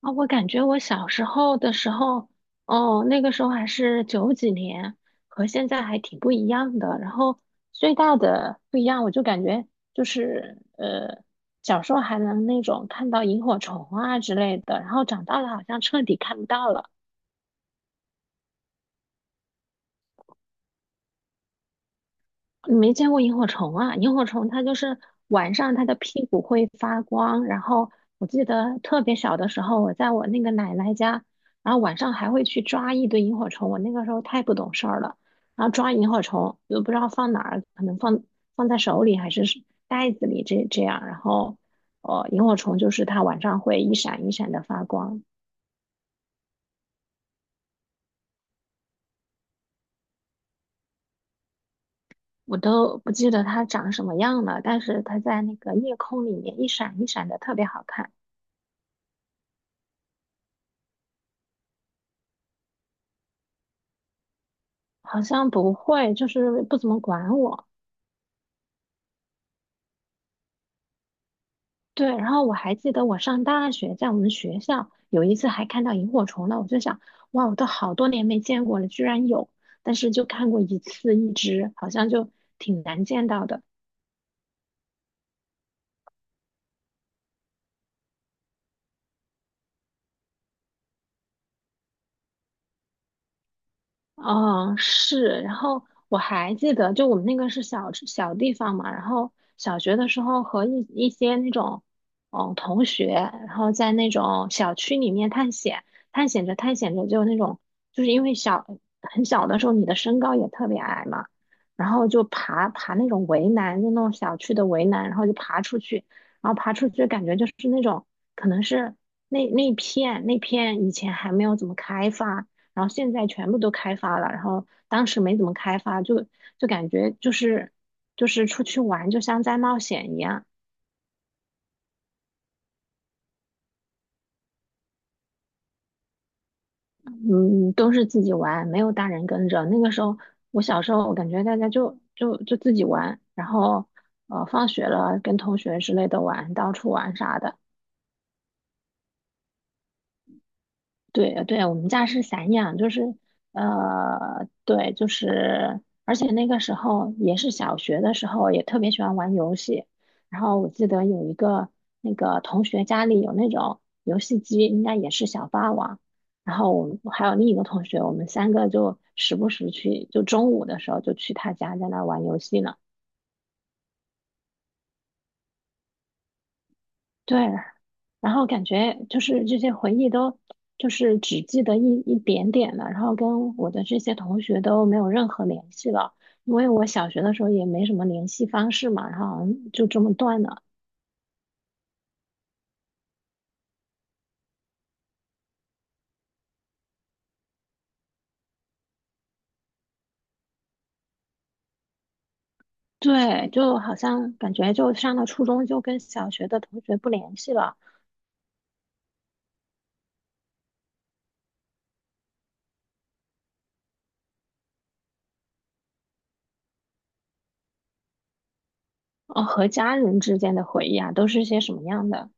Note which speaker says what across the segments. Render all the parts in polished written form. Speaker 1: 啊，我感觉我小时候，哦，那个时候还是九几年，和现在还挺不一样的。然后最大的不一样，我就感觉就是呃，小时候还能那种看到萤火虫啊之类的，然后长大了好像彻底看不到了。你没见过萤火虫啊？萤火虫它就是晚上它的屁股会发光，然后我记得特别小的时候，我在我那个奶奶家，然后晚上还会去抓一堆萤火虫。我那个时候太不懂事儿了，然后抓萤火虫又不知道放哪儿，可能放在手里还是袋子里这样，然后哦，萤火虫就是它晚上会一闪一闪的发光，我都不记得它长什么样了，但是它在那个夜空里面一闪一闪的特别好看。好像不会，就是不怎么管我。对，然后我还记得我上大学，在我们学校有一次还看到萤火虫呢，我就想，哇，我都好多年没见过了，居然有，但是就看过一次一只，好像就挺难见到的。哦，是，然后我还记得，就我们那个是小小地方嘛，然后小学的时候和一些那种，嗯，同学，然后在那种小区里面探险，探险着探险着就那种，就是因为小很小的时候你的身高也特别矮嘛，然后就爬那种围栏，就那种小区的围栏，然后就爬出去，然后爬出去感觉就是那种可能是那那片那片以前还没有怎么开发。然后现在全部都开发了，然后当时没怎么开发，就感觉就是出去玩就像在冒险一样，嗯，都是自己玩，没有大人跟着。那个时候我小时候，我感觉大家就自己玩，然后放学了跟同学之类的玩，到处玩啥的。对对，我们家是散养，就是对，就是，而且那个时候也是小学的时候，也特别喜欢玩游戏。然后我记得有一个那个同学家里有那种游戏机，应该也是小霸王。然后我们还有另一个同学，我们三个就时不时去，就中午的时候就去他家在那玩游戏呢。对，然后感觉就是这些回忆都就是只记得一点点了，然后跟我的这些同学都没有任何联系了，因为我小学的时候也没什么联系方式嘛，然后好像就这么断了。对，就好像感觉就上了初中就跟小学的同学不联系了。哦，和家人之间的回忆啊，都是些什么样的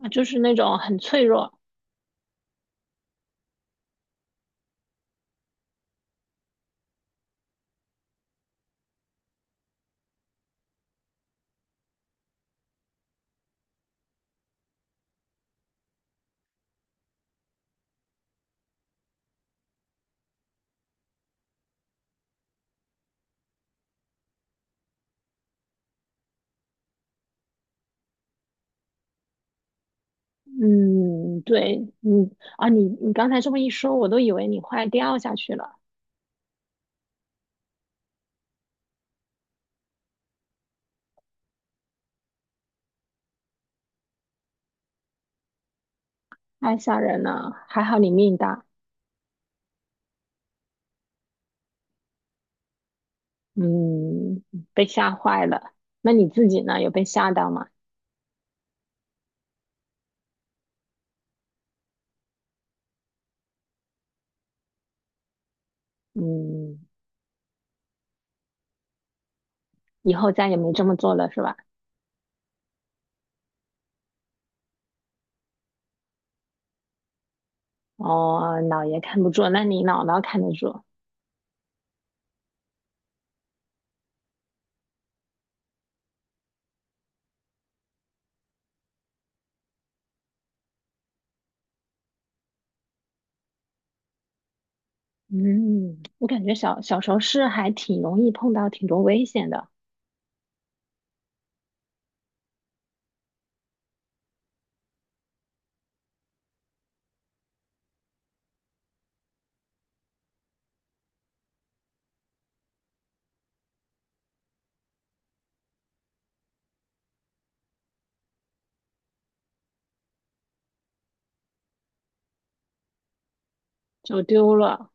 Speaker 1: 啊？就是那种很脆弱。嗯，对，嗯，啊，你刚才这么一说，我都以为你快掉下去了。太吓人了，还好你命大，嗯，被吓坏了。那你自己呢？有被吓到吗？嗯，以后再也没这么做了，是吧？哦，姥爷看不住，那你姥姥看得住。嗯，我感觉小小时候是还挺容易碰到挺多危险的，走丢了。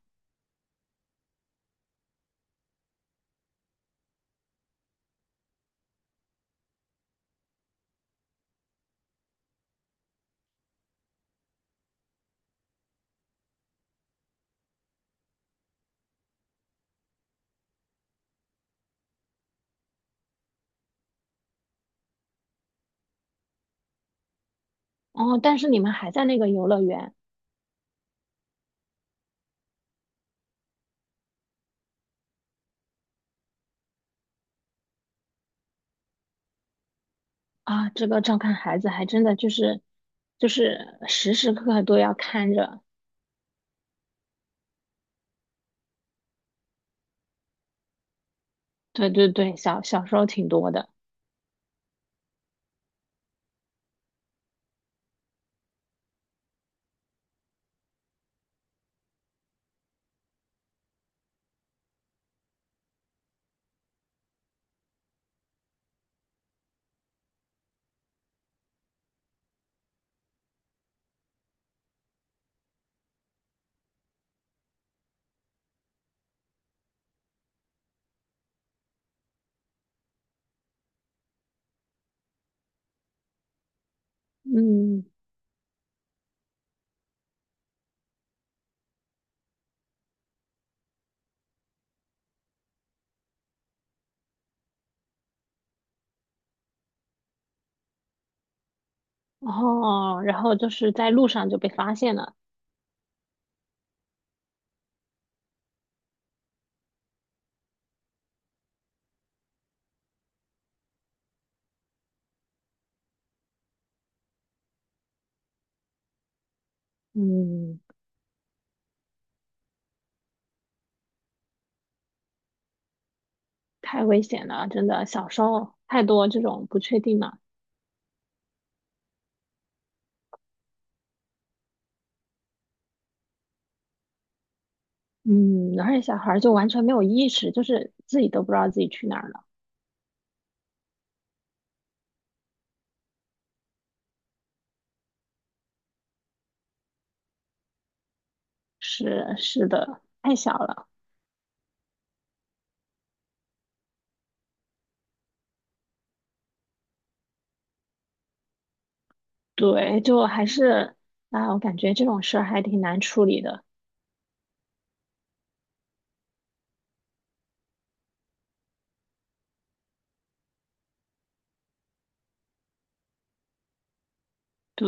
Speaker 1: 哦，但是你们还在那个游乐园啊，这个照看孩子还真的就是就是时时刻刻都要看着。对对对，小小时候挺多的。嗯。哦，然后就是在路上就被发现了，嗯，太危险了，真的，小时候太多这种不确定了，嗯，而且小孩儿就完全没有意识，就是自己都不知道自己去哪儿了，是是的，太小了，对，就还是啊，我感觉这种事儿还挺难处理的，对，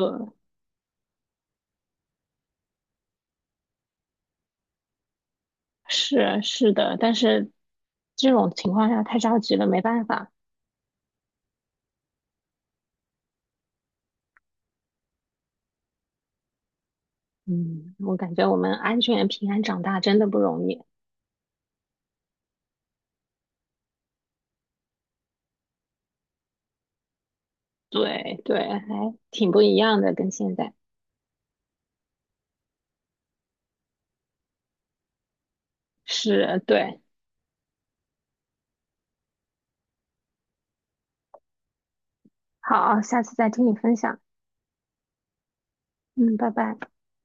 Speaker 1: 是是的，但是这种情况下太着急了，没办法，嗯，我感觉我们安全平安长大真的不容易。对对，还挺不一样的，跟现在是，对。好，下次再听你分享。嗯，拜拜。